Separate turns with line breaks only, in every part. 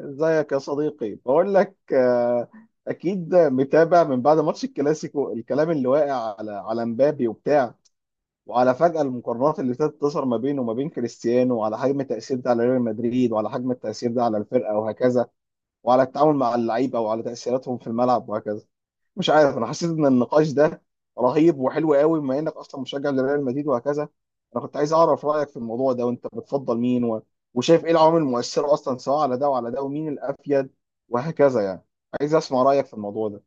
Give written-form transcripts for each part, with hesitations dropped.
ازيك يا صديقي؟ بقول لك اكيد متابع من بعد ماتش الكلاسيكو، الكلام اللي واقع على مبابي وبتاع، وعلى فجأة المقارنات اللي ابتدت تظهر ما بينه وما بين كريستيانو، وعلى حجم التأثير ده على ريال مدريد، وعلى حجم التأثير ده على الفرقة وهكذا، وعلى التعامل مع اللعيبة وعلى تأثيراتهم في الملعب وهكذا. مش عارف، انا حسيت ان النقاش ده رهيب وحلو قوي، بما انك اصلا مشجع لريال مدريد وهكذا. انا كنت عايز اعرف رايك في الموضوع ده، وانت بتفضل مين وشايف ايه العوامل المؤثره اصلا، سواء على ده وعلى ده، ومين الافيد وهكذا يعني. عايز اسمع رايك في الموضوع ده.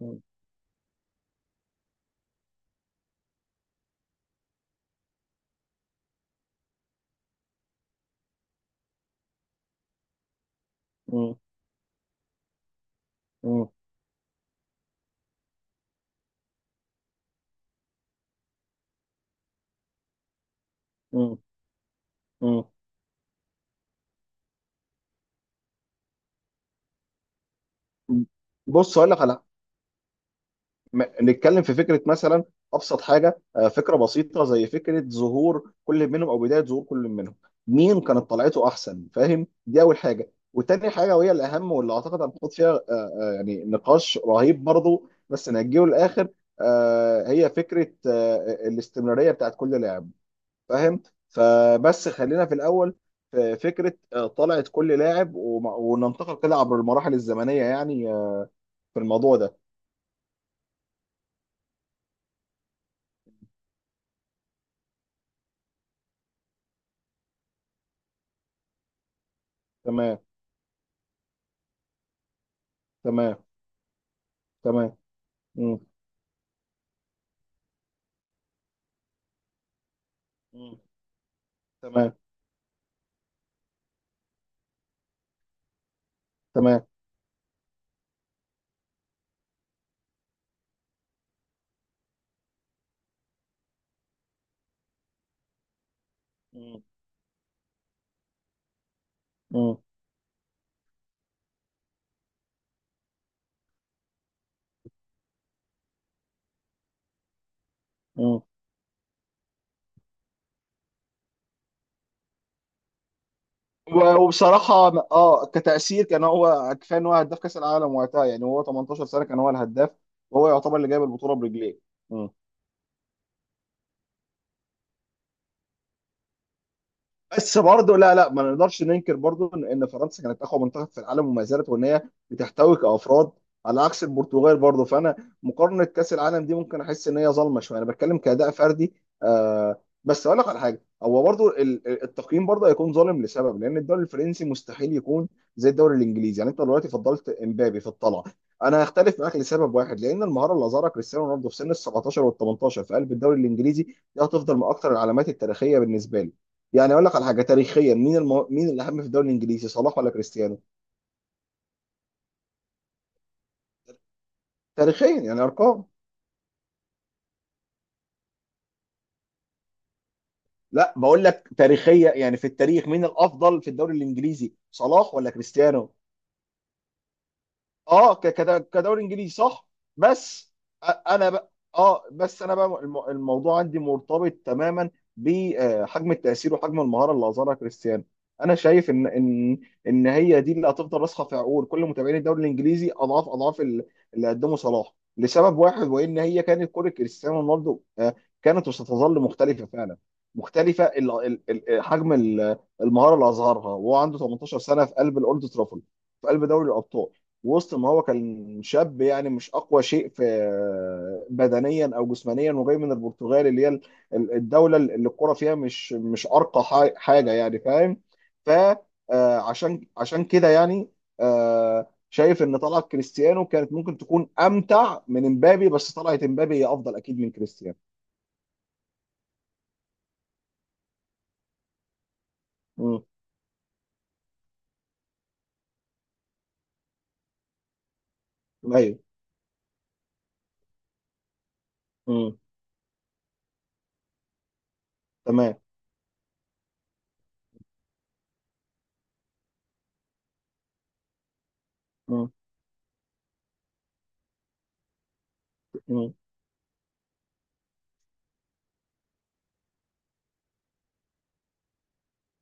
م-. م-. م-. م-. م. بص اقول لك على، م- نتكلم في فكره مثلا. ابسط حاجه، فكره بسيطه زي فكره ظهور كل منهم او بدايه ظهور كل منهم. مين كانت طلعته احسن؟ فاهم؟ دي اول حاجه، وتاني حاجه وهي الاهم واللي اعتقد هنحط فيها يعني نقاش رهيب برضو، بس نجيه للاخر. هي فكره الاستمراريه بتاعت كل لاعب. فاهم؟ فبس خلينا في الاول في فكره طلعت كل لاعب، وننتقل كده عبر المراحل الزمنيه، يعني في الموضوع ده. تمام. تمام. تمام. مم. مم. تمام. تمام. مم. مم. مم. وبصراحه، اه كتاثير كان هو كفايه ان هو هداف كاس العالم وقتها، يعني هو 18 سنه كان هو الهداف، وهو يعتبر اللي جايب البطوله برجليه. بس برضه لا لا، ما نقدرش ننكر برضه إن فرنسا كانت اقوى منتخب في العالم وما زالت، وان هي بتحتوي كافراد، على عكس البرتغال برضه. فانا مقارنه كاس العالم دي ممكن احس ان هي ظالمه شويه، انا بتكلم كاداء فردي. بس اقول لك على حاجه، هو برضه التقييم برضه هيكون ظالم لسبب، لان الدوري الفرنسي مستحيل يكون زي الدوري الانجليزي، يعني انت دلوقتي فضلت امبابي في الطلعه، انا هختلف معاك لسبب واحد، لان المهاره اللي ظهرها كريستيانو رونالدو في سن ال 17 وال 18 في قلب الدوري الانجليزي دي هتفضل من اكثر العلامات التاريخيه بالنسبه لي. يعني اقول لك على حاجه، تاريخيا مين مين الاهم في الدوري الانجليزي، صلاح ولا كريستيانو؟ تاريخيا يعني ارقام. لا، بقول لك تاريخيا يعني في التاريخ مين الافضل في الدوري الانجليزي، صلاح ولا كريستيانو؟ اه، كدوري انجليزي صح. بس، انا بقى، اه بس انا بقى، الموضوع عندي مرتبط تماما بحجم التاثير وحجم المهاره اللي اظهرها كريستيانو. انا شايف ان هي دي اللي هتفضل راسخه في عقول كل متابعين الدوري الانجليزي، اضعاف اضعاف اللي قدمه صلاح، لسبب واحد، وان هي كانت كره كريستيانو رونالدو. كانت وستظل مختلفه فعلا، مختلفه حجم المهاره اللي اظهرها وهو عنده 18 سنه، في قلب الاولد ترافورد، في قلب دوري الابطال، وسط ما هو كان شاب، يعني مش اقوى شيء في بدنيا او جسمانيا، وجاي من البرتغال اللي هي الدوله اللي الكره فيها مش ارقى حاجه، يعني فاهم. ف آه، عشان كده يعني، شايف ان طلعت كريستيانو كانت ممكن تكون امتع من امبابي، بس طلعت امبابي هي افضل اكيد من كريستيانو. امم. ايوه. امم. تمام. امم.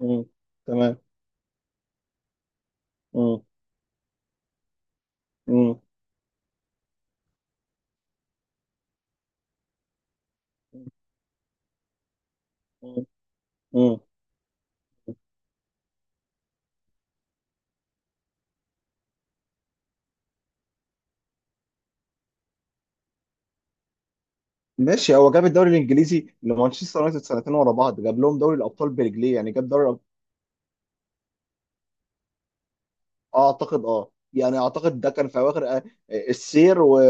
امم. تمام. امم. امم. ماشي، هو جاب الدوري الانجليزي لمانشستر يونايتد سنتين ورا بعض، جاب لهم دوري الابطال برجليه، يعني جاب دوري. اعتقد اه يعني اعتقد ده كان في اواخر السير،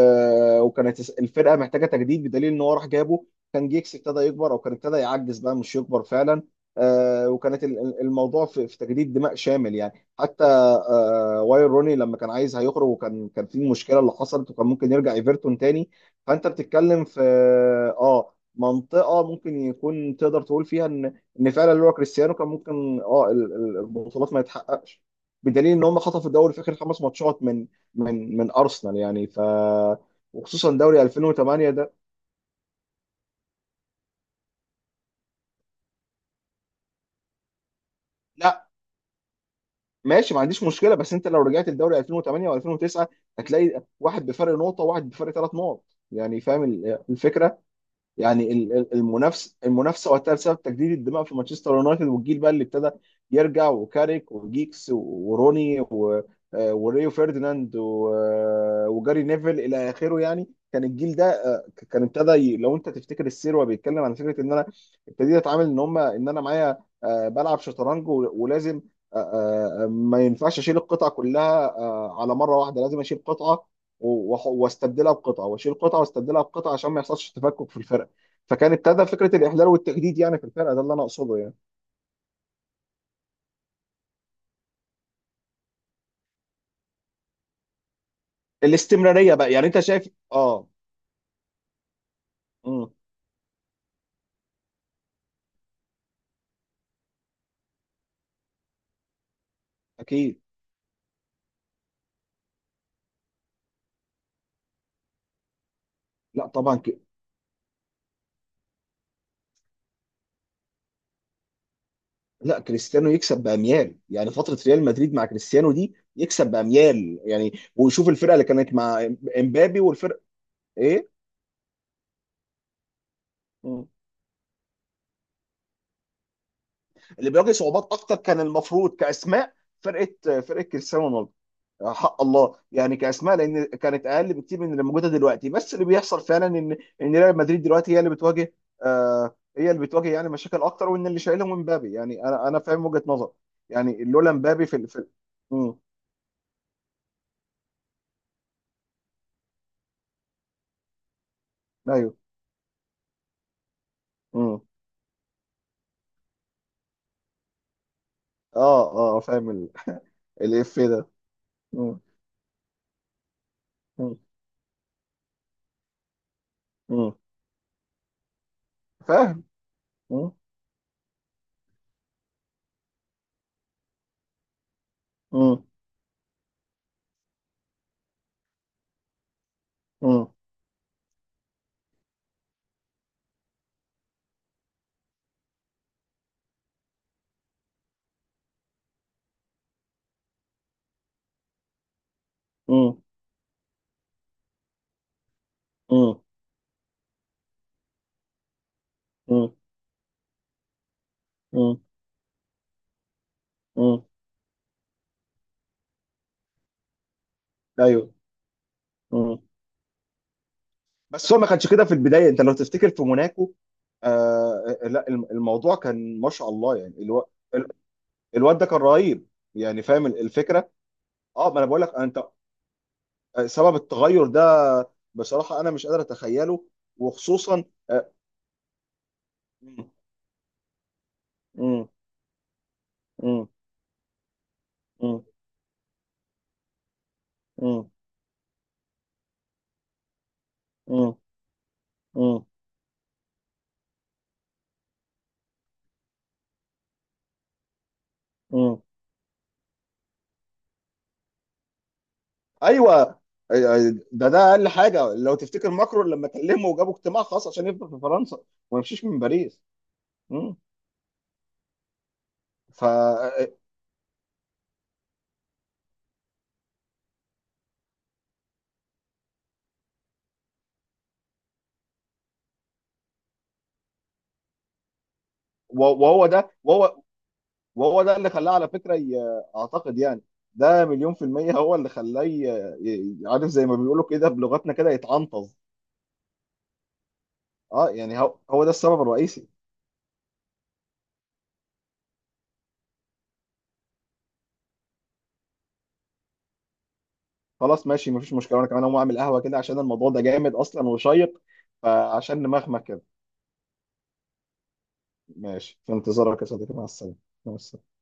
وكانت الفرقه محتاجه تجديد، بدليل ان هو راح جابه. كان جيكس ابتدى يكبر، او كان ابتدى يعجز بقى، مش يكبر فعلا. وكانت، الموضوع في تجديد دماء شامل يعني. حتى واير روني لما كان عايز هيخرج، وكان في مشكله اللي حصلت، وكان ممكن يرجع ايفرتون تاني. فانت بتتكلم في اه منطقه ممكن يكون تقدر تقول فيها ان فعلا اللي هو كريستيانو كان ممكن البطولات ما يتحققش، بدليل ان هم خطفوا الدوري في اخر خمس ماتشات من ارسنال، يعني وخصوصا دوري 2008 ده. لا. ماشي، ما عنديش مشكله، بس انت لو رجعت لدوري 2008 و2009 هتلاقي واحد بفرق نقطه وواحد بفرق ثلاث نقط، يعني فاهم الفكره. يعني المنافسه وقتها، بسبب تجديد الدماء في مانشستر يونايتد، والجيل بقى اللي ابتدى يرجع، وكاريك وجيكس وروني وريو فيرديناند وجاري نيفل الى اخره، يعني كان الجيل ده كان ابتدى، لو انت تفتكر السير وهو بيتكلم عن فكره ان انا ابتديت اتعامل ان هم، ان انا معايا بلعب شطرنج، ولازم ما ينفعش اشيل القطعه كلها على مره واحده، لازم اشيل قطعه واستبدلها بقطعه، واشيل قطعه واستبدلها بقطعه، عشان ما يحصلش تفكك في الفرقه. فكان ابتدى فكره الاحلال والتجديد يعني في الفرقه، ده اللي انا اقصده يعني. الاستمراريه بقى، يعني انت شايف اه. امم. اكيد. لا طبعا لا، كريستيانو يكسب باميال، يعني فتره ريال مدريد مع كريستيانو دي يكسب باميال يعني، ويشوف الفرقه اللي كانت مع امبابي والفرقه. ايه؟ مم. اللي بيواجه صعوبات اكتر كان المفروض كاسماء فرقه كريستيانو رونالدو، حق الله يعني كاسماء، لان كانت اقل بكتير من اللي موجوده دلوقتي، بس اللي بيحصل فعلا ان ريال مدريد دلوقتي هي اللي بتواجه، هي اللي بتواجه يعني مشاكل اكتر، وان اللي شايلهم مبابي، يعني انا فاهم وجهه نظر، يعني لولا مبابي في. امم. ايوه. امم. اه. اه. فاهم الاف ده. امم. امم. امم. فاهم. امم. امم. امم. امم. امم. امم. امم. ايوه. بس هو ما كانش كده في البدايه، انت لو تفتكر في موناكو، لا، الموضوع كان ما شاء الله، يعني ال- الواد ده كان رهيب، يعني فاهم الفكره. اه، ما انا بقول لك انت، سبب التغير ده، بصراحه انا مش قادر اتخيله، وخصوصا آه، مم. مم. مم. مم. مم. مم. مم. مم. ايوه، ده اقل حاجه، لو تفتكر ماكرون لما كلمه، وجابوا اجتماع خاص عشان يفضل في فرنسا وما يمشيش من باريس. مم. ف وهو ده وهو وهو ده اللي خلاه، على فكرة أعتقد يعني، ده مليون في المية هو اللي خلاه، عارف زي ما بيقولوا كده بلغتنا كده، يتعنطز. اه يعني، هو ده السبب الرئيسي. خلاص، ماشي، مفيش مشكلة، أنا كمان هقوم أعمل قهوة كده، عشان الموضوع ده جامد أصلا وشيق، فعشان نمخمخ كده. ماشي، في انتظارك يا صديقي، مع السلامة. مع السلامة.